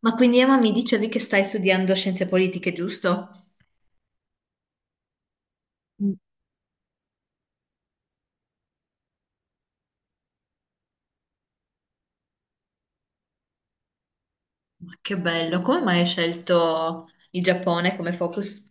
Ma quindi Emma mi dicevi che stai studiando scienze politiche, giusto? Mm. Ma che bello, come mai hai scelto il Giappone come focus?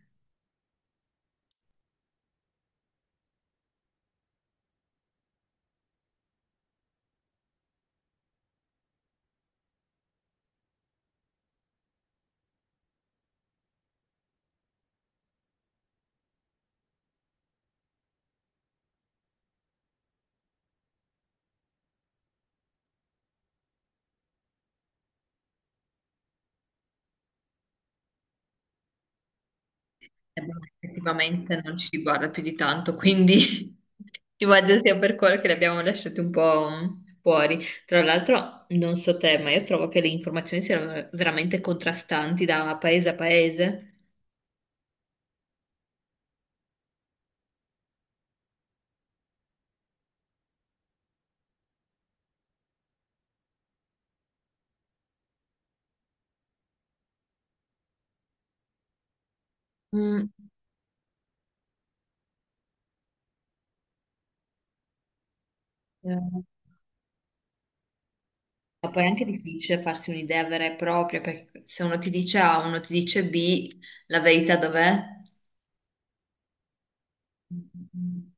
Boh, effettivamente non ci riguarda più di tanto, quindi immagino sia per quello che li abbiamo lasciati un po' fuori. Tra l'altro, non so te, ma io trovo che le informazioni siano veramente contrastanti da paese a paese. Mm. Eh, Ma poi è anche difficile farsi un'idea vera e propria, perché se uno ti dice A, uno ti dice B, la verità dov'è? Mm,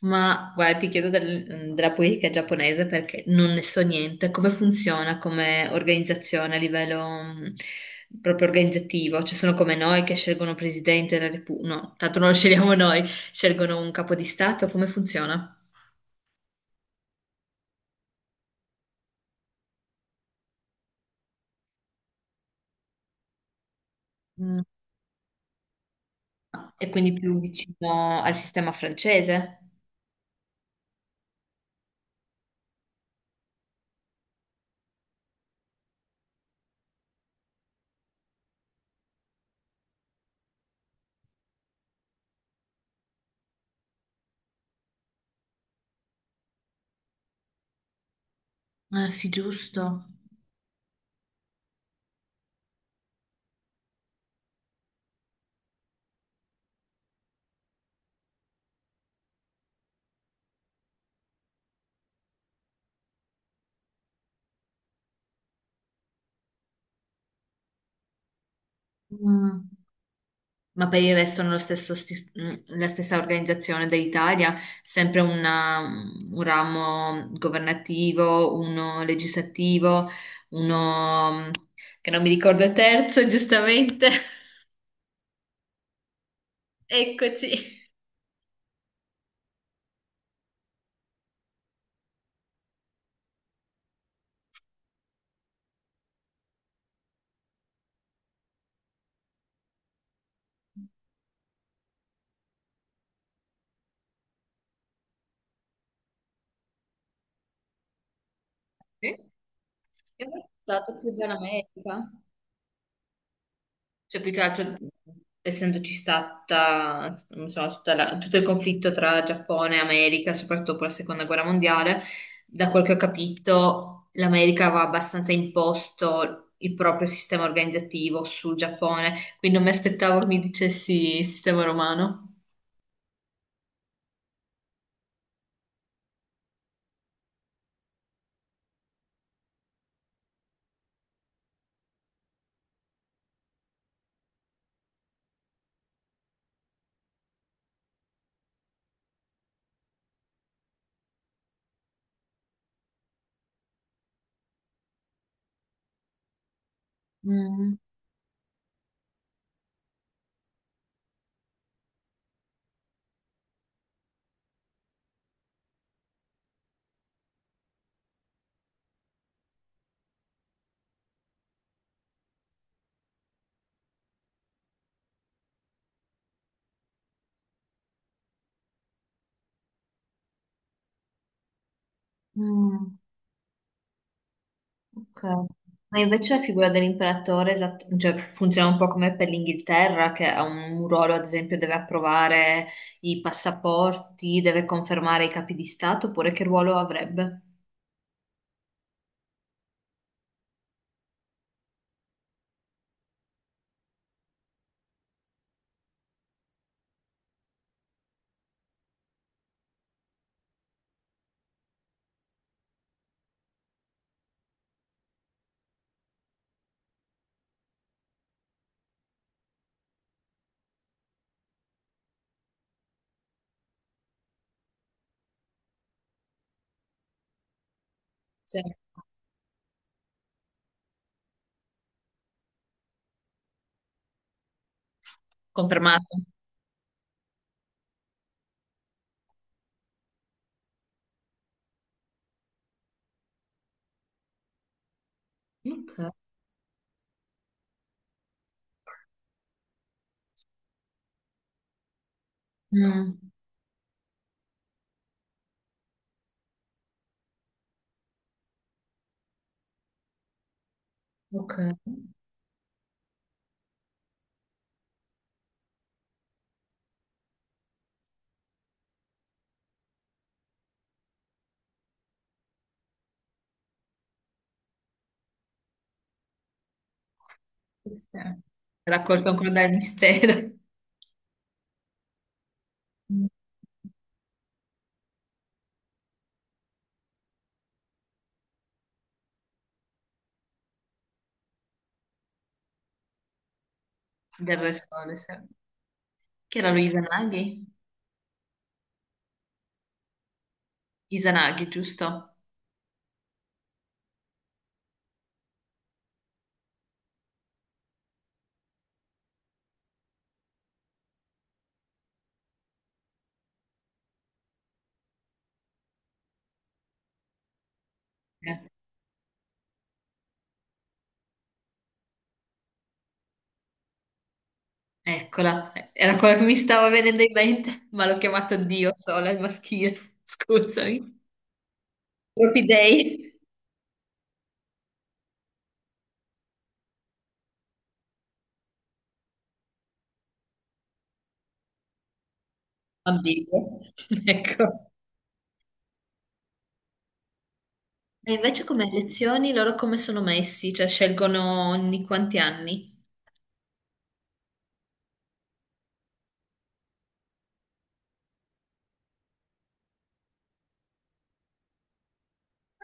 ma guarda, ti chiedo della politica giapponese perché non ne so niente. Come funziona come organizzazione a livello mm, proprio organizzativo? Ci sono come noi che scelgono presidente della Repubblica. No, tanto non lo scegliamo noi, scelgono un capo di Stato. Come funziona? Mm, e quindi più vicino al sistema francese? Ah, sì, giusto. Mm. Ma per il resto hanno lo stesso la stessa organizzazione dell'Italia, sempre un ramo governativo, uno legislativo, uno che non mi ricordo il terzo, giustamente. Eccoci. Sì. Io ho stato più dell'America. Cioè, più che altro, essendoci stata, non so, tutto il conflitto tra Giappone e America, soprattutto dopo la seconda guerra mondiale, da quel che ho capito, l'America aveva abbastanza imposto il proprio sistema organizzativo sul Giappone, quindi non mi aspettavo che mi dicessi sistema romano. Mm, mm. Ok. Ma invece la figura dell'imperatore cioè, funziona un po' come per l'Inghilterra, che ha un ruolo, ad esempio, deve approvare i passaporti, deve confermare i capi di Stato, oppure che ruolo avrebbe? Sì. Confermato. Ok. Mm, ok. Sì. Raccolto ancora dal mistero. Mm. Del Re Sole, sì. Che era lui Izanagi? Izanagi, giusto? Eccola, era quello che mi stava venendo in mente, ma l'ho chiamato Dio sola al maschile, scusami. Propri dei. Ambiguo. Ecco. E invece come lezioni loro come sono messi? Cioè scelgono ogni quanti anni?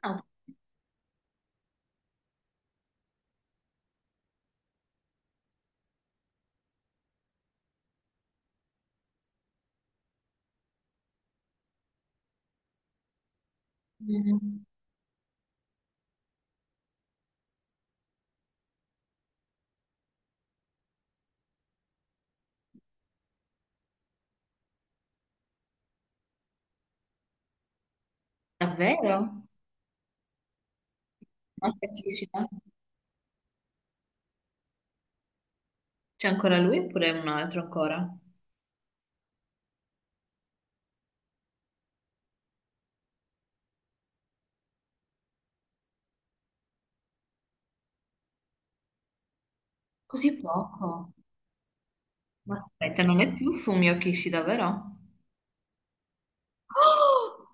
Ah, mm, davvero? Ma semplicità. C'è ancora lui oppure un altro ancora? Così poco. Ma aspetta, non è più Fumio Kishida, vero? Oh!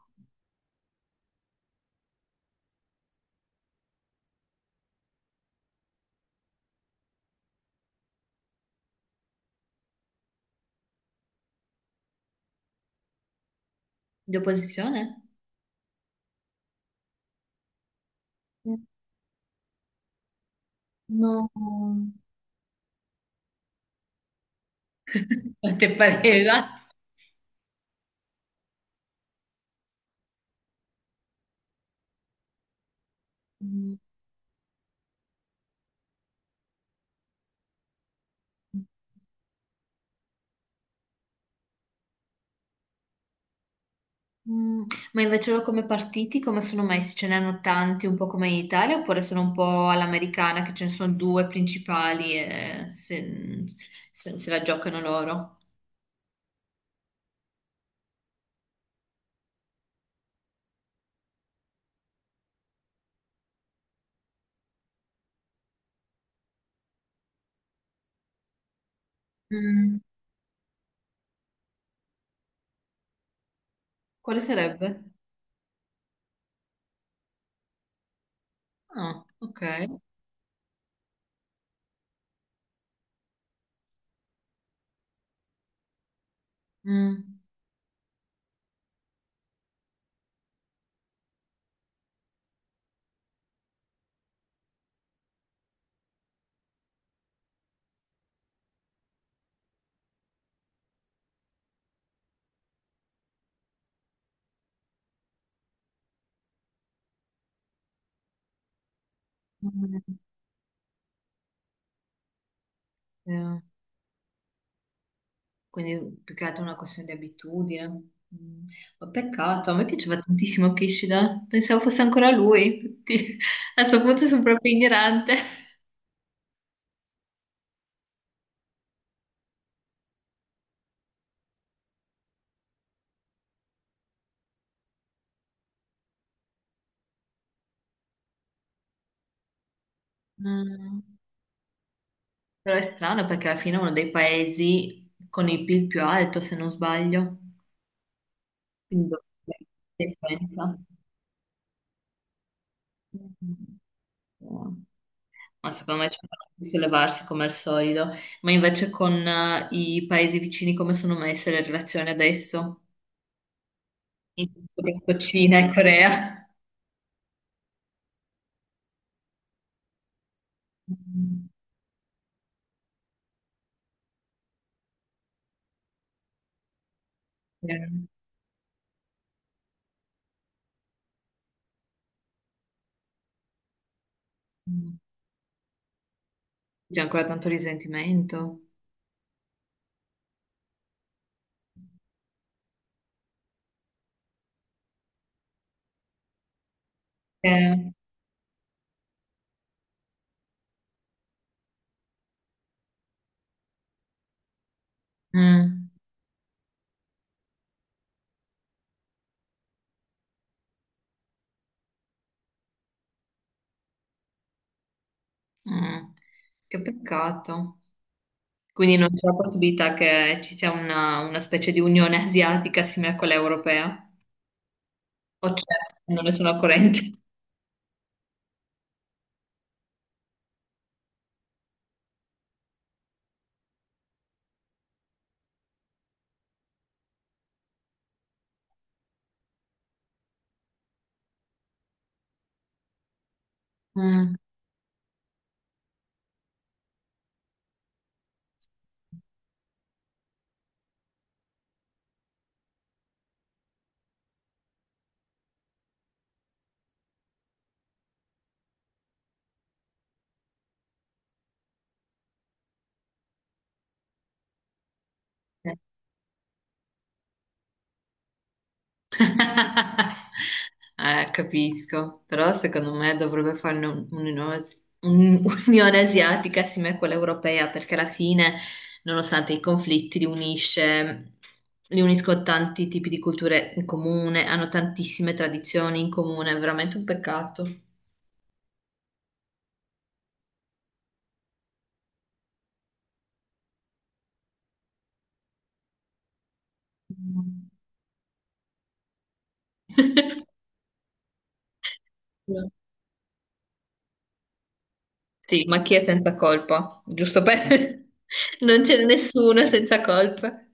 Di opposizione? No. Quante pareva? Mm, mm. Ma invece loro come partiti, come sono messi? Ce ne hanno tanti, un po' come in Italia, oppure sono un po' all'americana, che ce ne sono due principali e se, se la giocano loro? Mm, quale sarebbe? Ah, ok. Mm, mm, eh, Quindi più che altro è una questione di abitudine. Mm. Ma peccato, a me piaceva tantissimo Kishida, pensavo fosse ancora lui. Tutti- A questo punto sono proprio ignorante. Mm, però è strano perché alla fine è uno dei paesi con il PIL più alto, se non sbaglio. Quindi dovrebbe essere influenza. Mm. No. Ma secondo me ci fanno sollevarsi come al solito. Ma invece con i paesi vicini come sono messe le relazioni adesso? In- Soprattutto Cina e Corea. Mm. Eh, mm. C'è ancora tanto risentimento. Eh, mm, mm. Che peccato. Quindi non c'è la possibilità che ci sia una specie di unione asiatica simile a quella europea? O c'è? Non ne sono a corrente. Mm. Capisco, però secondo me dovrebbe farne un'unione un'unione asiatica simile a quella europea, perché alla fine, nonostante i conflitti, li unisce, li uniscono tanti tipi di culture in comune, hanno tantissime tradizioni in comune, è veramente un peccato. Mm. Sì, ma chi è senza colpa? Giusto per... Non c'è nessuno senza colpa.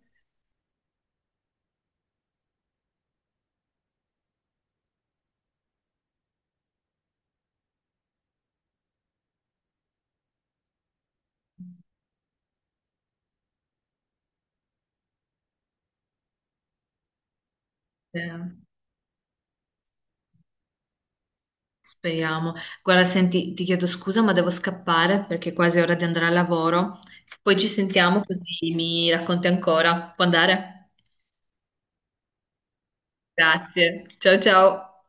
Eh, Speriamo. Guarda, senti, ti chiedo scusa, ma devo scappare perché è quasi ora di andare al lavoro. Poi ci sentiamo così mi racconti ancora. Può andare? Grazie. Ciao ciao.